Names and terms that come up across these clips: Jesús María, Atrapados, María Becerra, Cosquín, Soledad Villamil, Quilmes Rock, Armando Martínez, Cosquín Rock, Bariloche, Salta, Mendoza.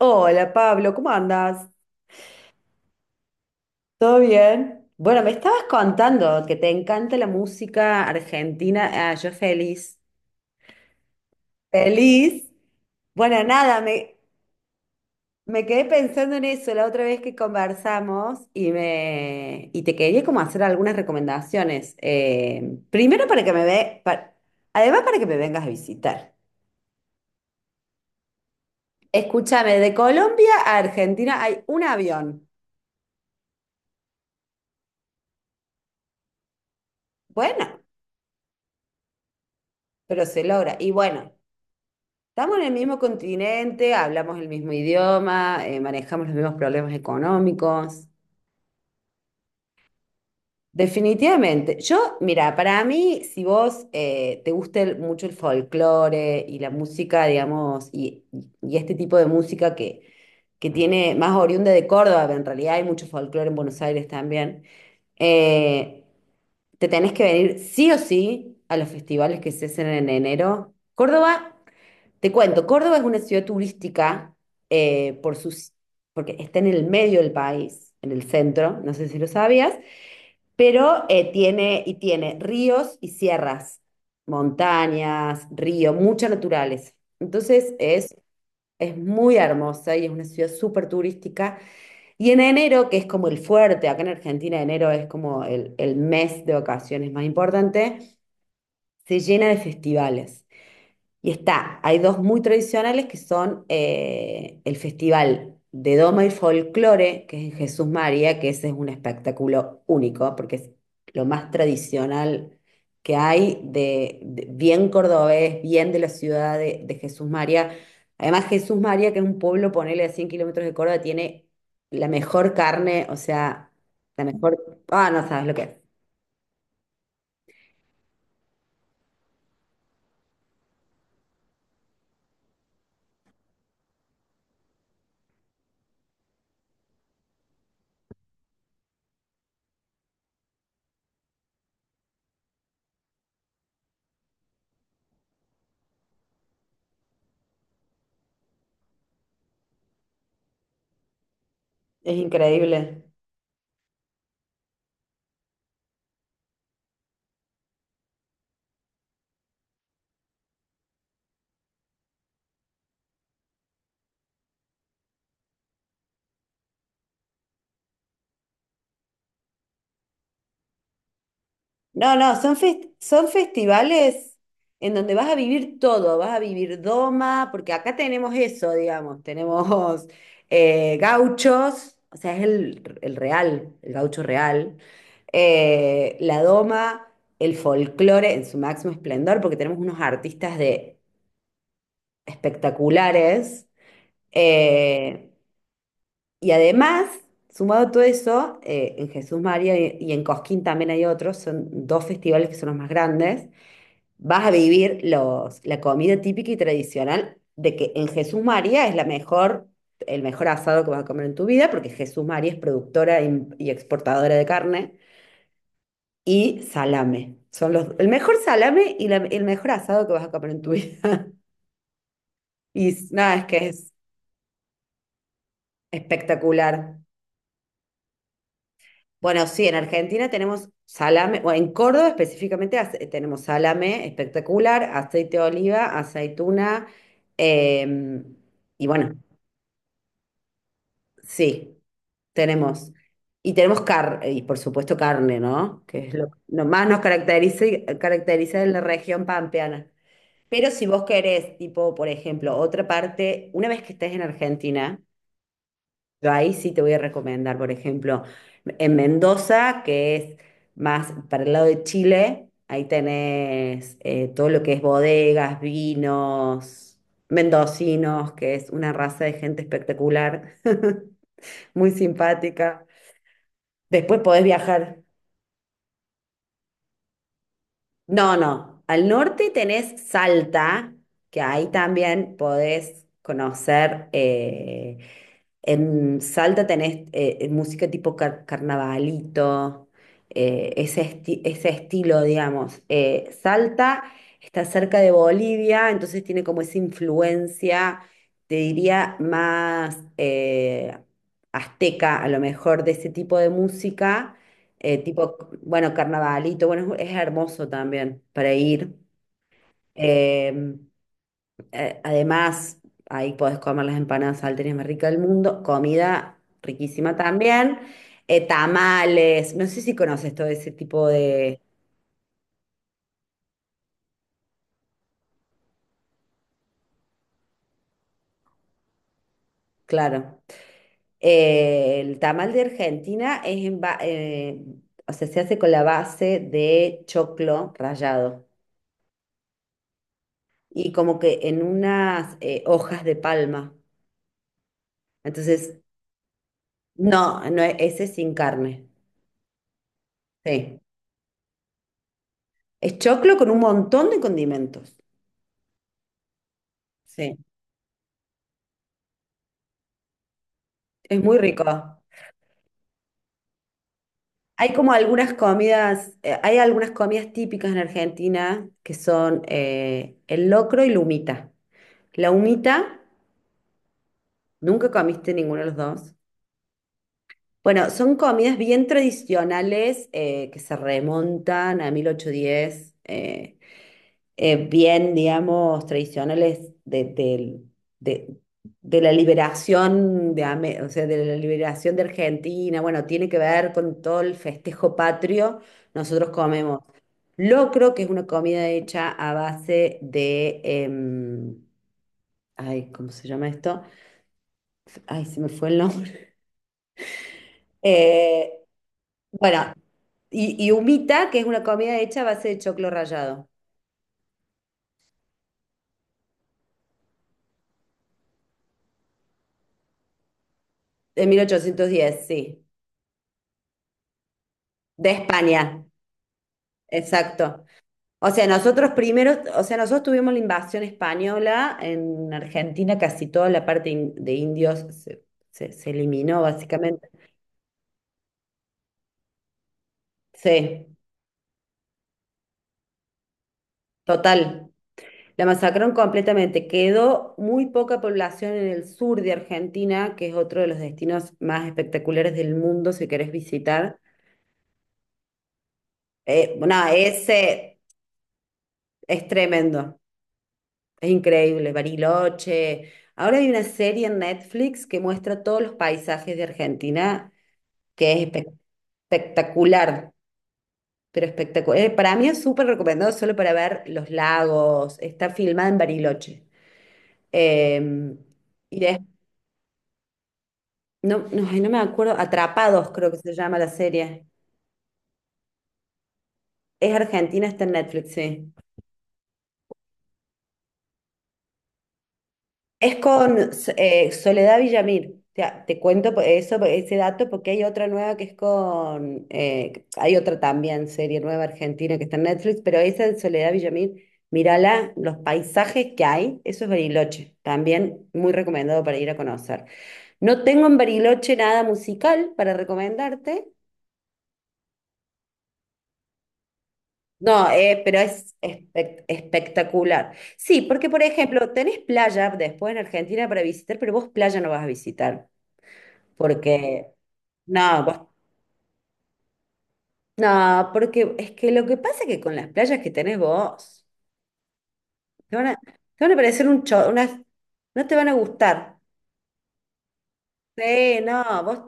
Hola Pablo, ¿cómo andas? ¿Todo bien? Bueno, me estabas contando que te encanta la música argentina. Ah, yo feliz. ¿Feliz? Bueno, nada, me quedé pensando en eso la otra vez que conversamos y y te quería como hacer algunas recomendaciones. Primero para que me además para que me vengas a visitar. Escúchame, de Colombia a Argentina hay un avión. Bueno, pero se logra. Y bueno. Estamos en el mismo continente, hablamos el mismo idioma, manejamos los mismos problemas económicos. Definitivamente. Yo, mira, para mí, si vos te gusta mucho el folclore y la música, digamos, y este tipo de que tiene más oriunda de Córdoba, pero en realidad hay mucho folclore en Buenos Aires también, eh, te tenés que venir sí o sí a los festivales que se hacen en enero. Córdoba. Te cuento, Córdoba es una ciudad turística eh, por sus, porque está en el medio del país, en el centro, no sé si lo sabías, pero tiene ríos y sierras, montañas, río, mucha naturaleza. Entonces es, es muy hermosa y es una ciudad súper turística. Y en enero, que es como el fuerte, acá en Argentina enero es como el mes de vacaciones más importante, se llena de festivales. Y está, hay dos muy tradicionales que son el Festival de Doma y Folclore, que es en Jesús María, que ese es un espectáculo único, porque es lo más tradicional que hay, bien cordobés, bien de la ciudad de Jesús María. Además, Jesús María, que es un pueblo, ponele a 100 kilómetros de Córdoba, tiene la mejor carne, o sea, la mejor... Ah, no sabes lo que es. Es increíble. No, no, son festivales en donde vas a vivir todo, vas a vivir doma, porque acá tenemos eso, digamos, tenemos gauchos, o sea, es el real, el gaucho real, la doma, el folclore en su máximo esplendor, porque tenemos unos artistas de espectaculares, eh, y además, sumado a todo eso, en Jesús María y en Cosquín también hay otros, son dos festivales que son los más grandes, vas a vivir la comida típica y tradicional de que en Jesús María es la mejor, el mejor asado que vas a comer en tu vida, porque Jesús María es productora y exportadora de carne, y salame. Son el mejor salame y el mejor asado que vas a comer en tu vida. Y s- nada, Es que es espectacular. Bueno, sí, en Argentina tenemos salame, o en Córdoba específicamente tenemos salame espectacular, aceite de oliva, aceituna, em, y bueno. Sí, tenemos. Y tenemos carne, y por supuesto carne, ¿no? Que es lo más nos caracteriza, caracteriza en la región pampeana. Pero si vos querés, tipo, por ejemplo, otra parte, una vez que estés en Argentina, yo ahí sí te voy a recomendar, por ejemplo, en Mendoza, que es más para el lado de Chile, ahí tenés todo lo que es bodegas, vinos, mendocinos, que es una raza de gente espectacular, muy simpática. Después podés viajar. No, no. Al norte tenés Salta, que ahí también podés conocer. En Salta tenés música tipo carnavalito, ese estilo, digamos. Salta está cerca de Bolivia, entonces tiene como esa influencia, te diría, más azteca, a lo mejor, de ese tipo de música eh, tipo, bueno, carnavalito, bueno, es hermoso también para ir. Eh, Además, ahí podés comer las empanadas salteñas más ricas del mundo, comida riquísima también, tamales, no sé si conoces todo ese tipo de, claro. El tamal de Argentina es o sea, se hace con la base de choclo rallado y como que en unas hojas de palma. Entonces no, no, ese es sin carne. Sí. Es choclo con un montón de condimentos. Sí. Es muy rico. Hay como algunas comidas, hay algunas comidas típicas en Argentina que son el locro y la humita. La humita, nunca comiste ninguno de los dos. Bueno, son comidas bien tradicionales que se remontan a 1810. Bien, digamos, tradicionales de- de la liberación de, o sea, de la liberación de Argentina. Bueno, tiene que ver con todo el festejo patrio. Nosotros comemos locro, que es una comida hecha a base de, ay, ¿cómo se llama esto? Ay, se me fue el nombre. Eh, bueno, y humita, que es una comida hecha a base de choclo rallado, de 1810, sí, de España. Exacto. O sea, nosotros primero, o sea, nosotros tuvimos la invasión española en Argentina, casi toda la parte de indios se eliminó básicamente. Sí, total. La masacraron completamente. Quedó muy poca población en el sur de Argentina, que es otro de los destinos más espectaculares del mundo si querés visitar. No, ese es tremendo, es increíble, Bariloche. Ahora hay una serie en Netflix que muestra todos los paisajes de Argentina que es espectacular, pero espectacular. Para mí es súper recomendado solo para ver los lagos. Está filmada en Bariloche. Eh, y de- no, no, ay, no me acuerdo, Atrapados creo que se llama la serie. Es argentina, está en Netflix, sí. Es con Soledad Villamil. Te cuento eso, ese dato porque hay otra nueva que es con, hay otra también, serie nueva argentina que está en Netflix, pero esa de Soledad Villamil, mírala, los paisajes que hay, eso es Bariloche, también muy recomendado para ir a conocer. No tengo en Bariloche nada musical para recomendarte, no, pero es espectacular. Sí, porque por ejemplo, tenés playa después en Argentina para visitar, pero vos playa no vas a visitar. Porque, no, no, porque es que lo que pasa es que con las playas que tenés vos, te van a parecer no te van a gustar. Sí, no,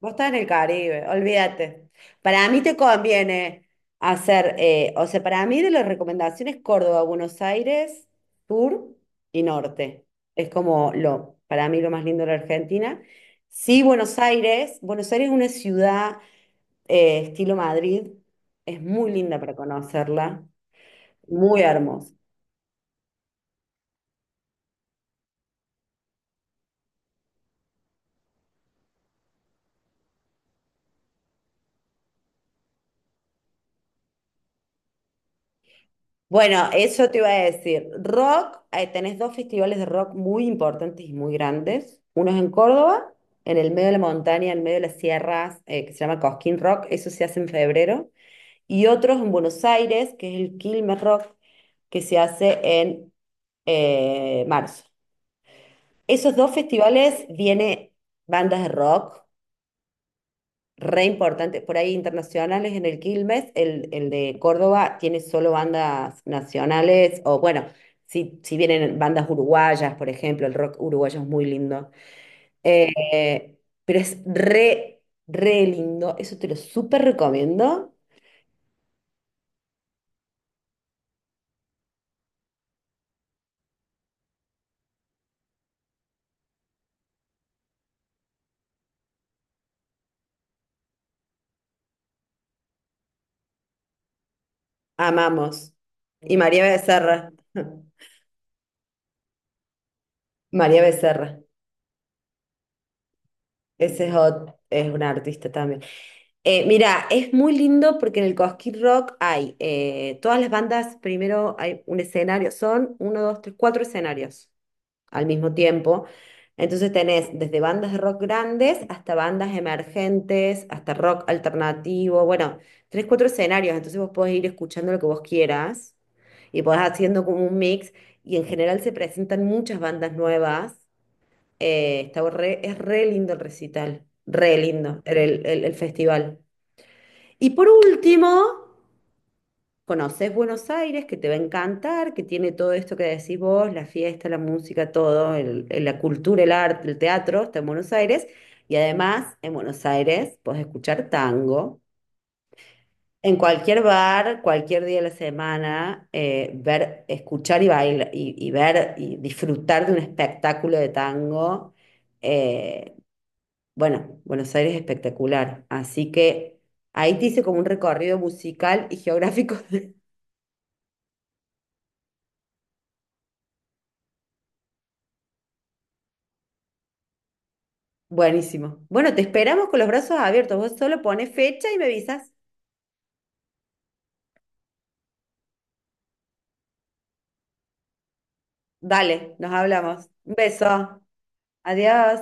vos estás en el Caribe, olvídate. Para mí te conviene hacer, o sea, para mí de las recomendaciones Córdoba, Buenos Aires, sur y norte. Es como lo, para mí lo más lindo de la Argentina. Sí, Buenos Aires es una ciudad estilo Madrid. Es muy linda para conocerla, muy hermosa. Bueno, eso te iba a decir. Rock, tenés dos festivales de rock muy importantes y muy grandes. Uno es en Córdoba, en el medio de la montaña, en medio de las sierras, que se llama Cosquín Rock, eso se hace en febrero. Y otro es en Buenos Aires, que es el Quilmes Rock, que se hace en marzo. Esos dos festivales viene bandas de rock re importante, por ahí internacionales en el Quilmes, el de Córdoba tiene solo bandas nacionales, o bueno, si vienen bandas uruguayas, por ejemplo, el rock uruguayo es muy lindo. Eh, pero es re, re lindo, eso te lo súper recomiendo, amamos. Y María Becerra. María Becerra, ese es, es una artista también. Mira, es muy lindo porque en el Cosquín Rock hay todas las bandas, primero hay un escenario, son uno, dos, tres, cuatro escenarios al mismo tiempo. Entonces tenés desde bandas de rock grandes hasta bandas emergentes, hasta rock alternativo, bueno, tres, cuatro escenarios, entonces vos podés ir escuchando lo que vos quieras y podés haciendo como un mix y en general se presentan muchas bandas nuevas. Es re lindo el recital, re lindo el festival. Y por último, conoces Buenos Aires, que te va a encantar, que tiene todo esto que decís vos, la fiesta, la música, todo, la cultura, el arte, el teatro, está en Buenos Aires. Y además, en Buenos Aires podés escuchar tango en cualquier bar, cualquier día de la semana, ver, escuchar y bailar, y ver y disfrutar de un espectáculo de tango. Eh, bueno, Buenos Aires es espectacular. Así que... Ahí te hice como un recorrido musical y geográfico. Buenísimo. Bueno, te esperamos con los brazos abiertos. Vos solo pones fecha y me avisas. Dale, nos hablamos. Un beso. Adiós.